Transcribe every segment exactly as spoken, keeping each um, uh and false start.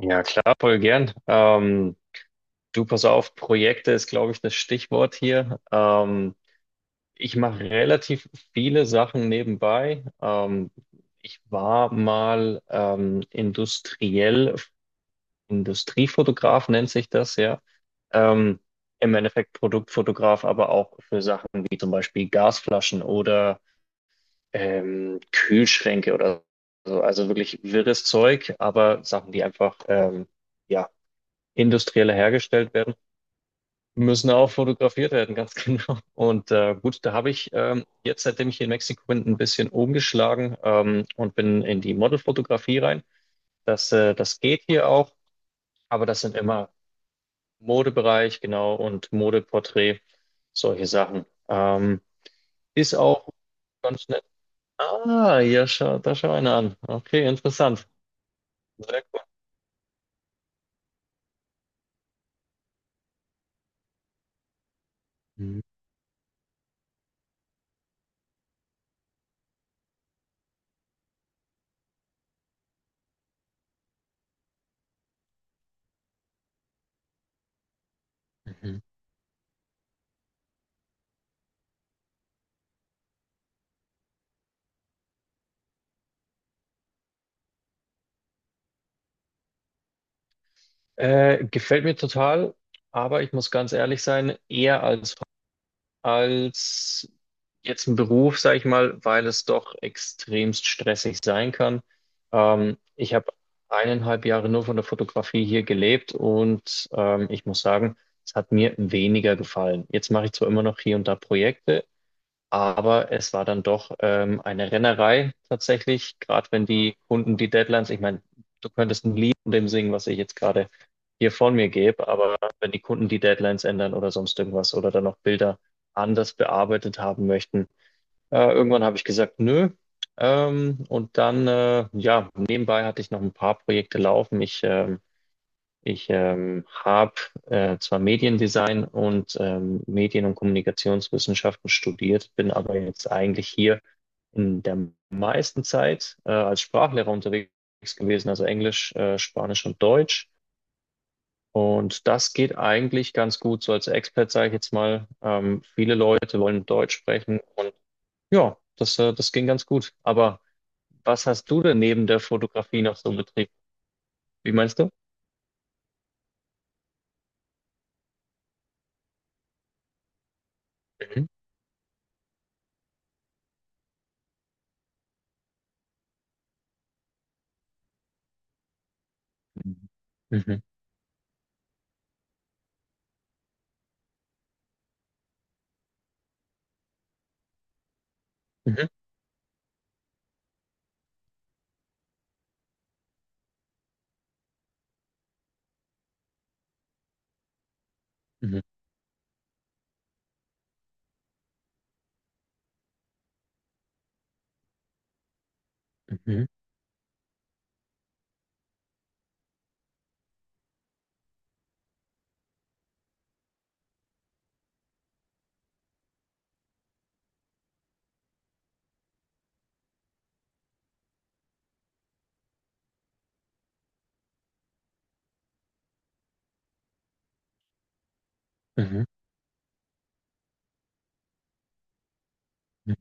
Ja, klar, voll gern. Ähm, du, pass auf, Projekte ist, glaube ich, das Stichwort hier. Ähm, ich mache relativ viele Sachen nebenbei. Ähm, ich war mal ähm, industriell, Industriefotograf nennt sich das, ja. Ähm, Im Endeffekt Produktfotograf, aber auch für Sachen wie zum Beispiel Gasflaschen oder ähm, Kühlschränke oder so. Also wirklich wirres Zeug, aber Sachen, die einfach ähm, ja, industrieller hergestellt werden, müssen auch fotografiert werden, ganz genau. Und äh, gut, da habe ich ähm, jetzt, seitdem ich hier in Mexiko bin, ein bisschen umgeschlagen ähm, und bin in die Modelfotografie rein. Das, äh, das geht hier auch, aber das sind immer Modebereich, genau, und Modeporträt, solche Sachen. Ähm, ist auch ganz nett. Ah, ja, schau, da schau einer an. Okay, interessant. Sehr cool. Mhm. Mhm. Äh, gefällt mir total, aber ich muss ganz ehrlich sein, eher als als jetzt ein Beruf, sage ich mal, weil es doch extremst stressig sein kann. Ähm, ich habe eineinhalb Jahre nur von der Fotografie hier gelebt und ähm, ich muss sagen, es hat mir weniger gefallen. Jetzt mache ich zwar immer noch hier und da Projekte, aber es war dann doch ähm, eine Rennerei tatsächlich, gerade wenn die Kunden die Deadlines, ich meine, du könntest ein Lied von dem singen, was ich jetzt gerade hier von mir gebe, aber wenn die Kunden die Deadlines ändern oder sonst irgendwas oder dann noch Bilder anders bearbeitet haben möchten, äh, irgendwann habe ich gesagt, nö. Ähm, und dann, äh, ja, nebenbei hatte ich noch ein paar Projekte laufen. Ich ähm, ich ähm, habe äh, zwar Mediendesign und ähm, Medien- und Kommunikationswissenschaften studiert, bin aber jetzt eigentlich hier in der meisten Zeit äh, als Sprachlehrer unterwegs gewesen, also Englisch, äh, Spanisch und Deutsch. Und das geht eigentlich ganz gut, so als Expert sage ich jetzt mal. Ähm, viele Leute wollen Deutsch sprechen und ja, das, äh, das ging ganz gut. Aber was hast du denn neben der Fotografie noch so betrieben? Wie meinst du? Mhm. Mhm. Mhm. Mhm. Mhm. Mhm. Mhm. Mhm.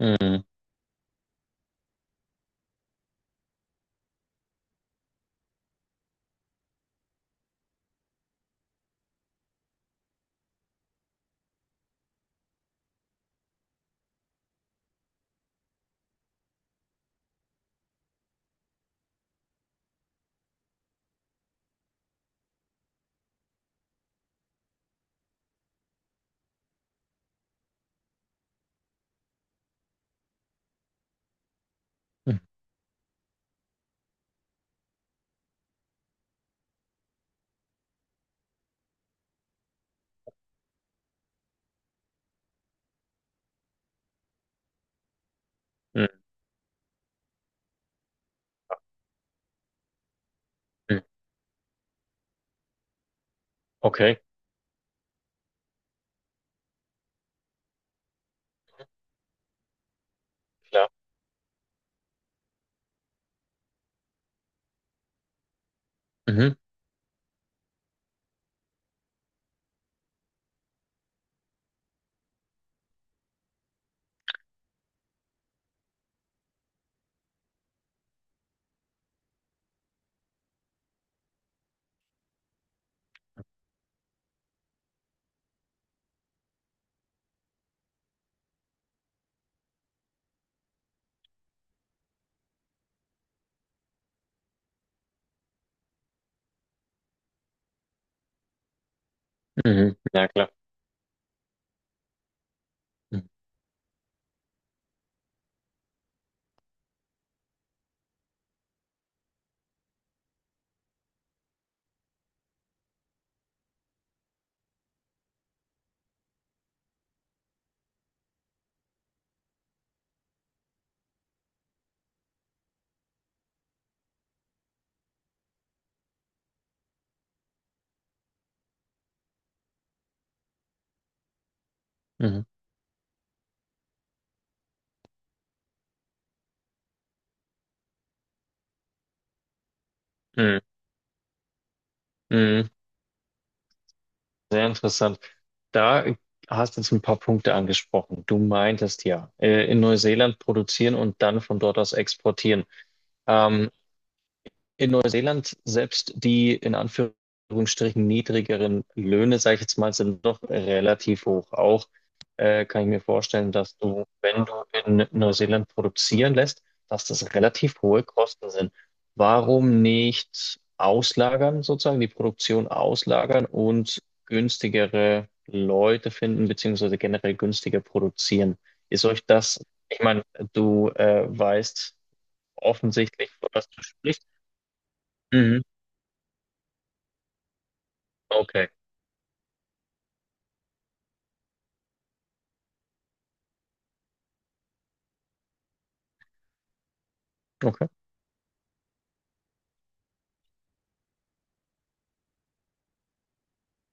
Mhm. Mhm. Mhm. Mhm. Okay, klar. Mhm. Mhm. Ja, klar. Mhm. Mhm. Mhm. Mhm. Sehr interessant. Da hast du jetzt ein paar Punkte angesprochen. Du meintest ja, äh, in Neuseeland produzieren und dann von dort aus exportieren. Ähm, in Neuseeland selbst die in Anführungsstrichen niedrigeren Löhne, sage ich jetzt mal, sind doch relativ hoch. Auch äh, kann ich mir vorstellen, dass du, wenn du in Neuseeland produzieren lässt, dass das relativ hohe Kosten sind. Warum nicht auslagern, sozusagen die Produktion auslagern und günstigere Leute finden, beziehungsweise generell günstiger produzieren? Ist euch das, ich meine, du äh, weißt offensichtlich, von was du sprichst. Okay, okay.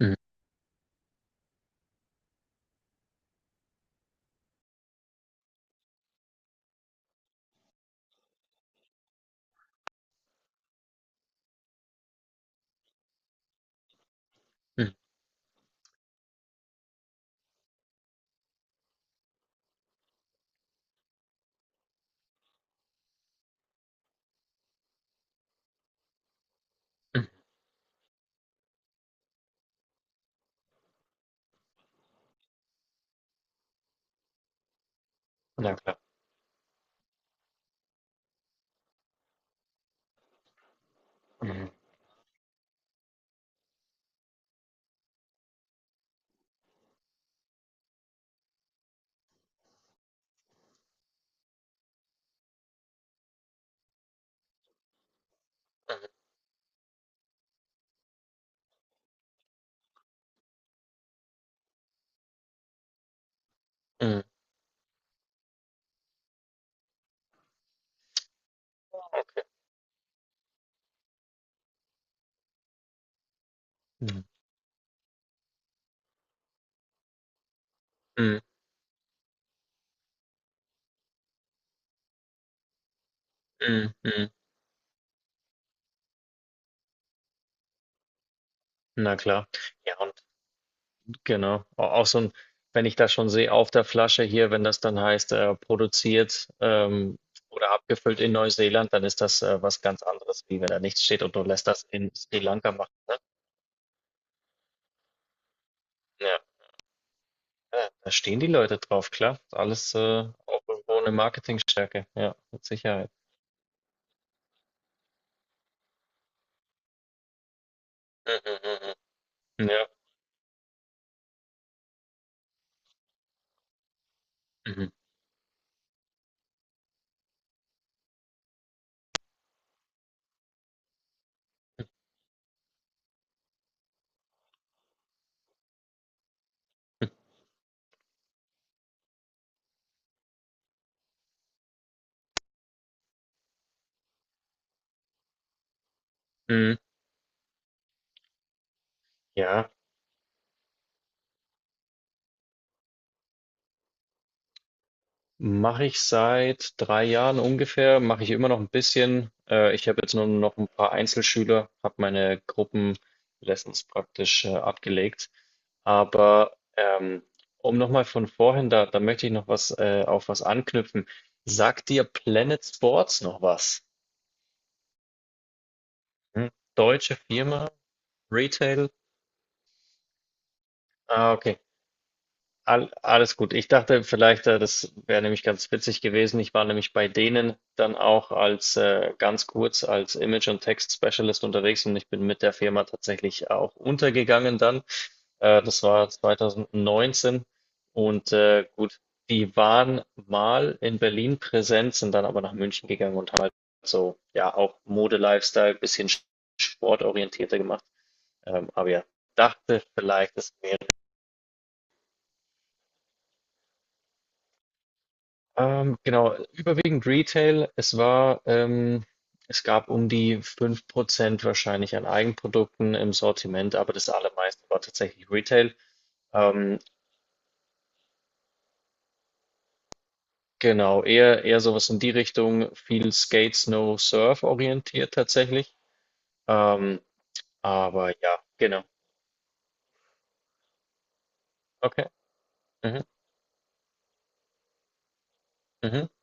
Mhm. Mhm. Mhm. Na klar. Mhm. Mhm. Mhm. Mhm. Mhm. Mhm. Na klar. Ja, und genau. Au- Auch so ein, wenn ich das schon sehe auf der Flasche hier, wenn das dann heißt, äh, produziert ähm, oder abgefüllt in Neuseeland, dann ist das äh, was ganz anderes, wie wenn da nichts steht und du lässt das in Sri Lanka machen. Ne? Ja, ja, da stehen die Leute drauf, klar. Ist Alles äh, auch irgendwo eine Marketingstärke, ja, mit Sicherheit. Mhm. Mhm. Mhm. Ja. Mhm. Mhm. Mhm. Ja. Mache ich seit drei Jahren ungefähr, mache ich immer noch ein bisschen. Äh, ich habe jetzt nur noch ein paar Einzelschüler, habe meine Gruppenlessons praktisch äh, abgelegt. Aber ähm, um nochmal von vorhin, da, da möchte ich noch was äh, auf was anknüpfen. Sagt dir Planet Sports noch was? Hm? Deutsche Firma, Retail? Ah, okay. All, alles gut. Ich dachte vielleicht, äh, das wäre nämlich ganz witzig gewesen. Ich war nämlich bei denen dann auch als äh, ganz kurz als Image- und Text-Specialist unterwegs und ich bin mit der Firma tatsächlich auch untergegangen dann. Äh, das war zweitausendneunzehn und äh, gut, die waren mal in Berlin präsent, sind dann aber nach München gegangen und haben halt so, ja, auch Mode-Lifestyle, bisschen sportorientierter gemacht. Ähm, aber ja, dachte vielleicht, das wäre Ähm, genau, überwiegend Retail. Es war, ähm, es gab um die fünf Prozent wahrscheinlich an Eigenprodukten im Sortiment, aber das allermeiste war tatsächlich Retail. Ähm, genau, eher, eher sowas in die Richtung, viel Skate, Snow, Surf orientiert tatsächlich. Ähm, aber ja, genau. Okay. Mhm, mhm.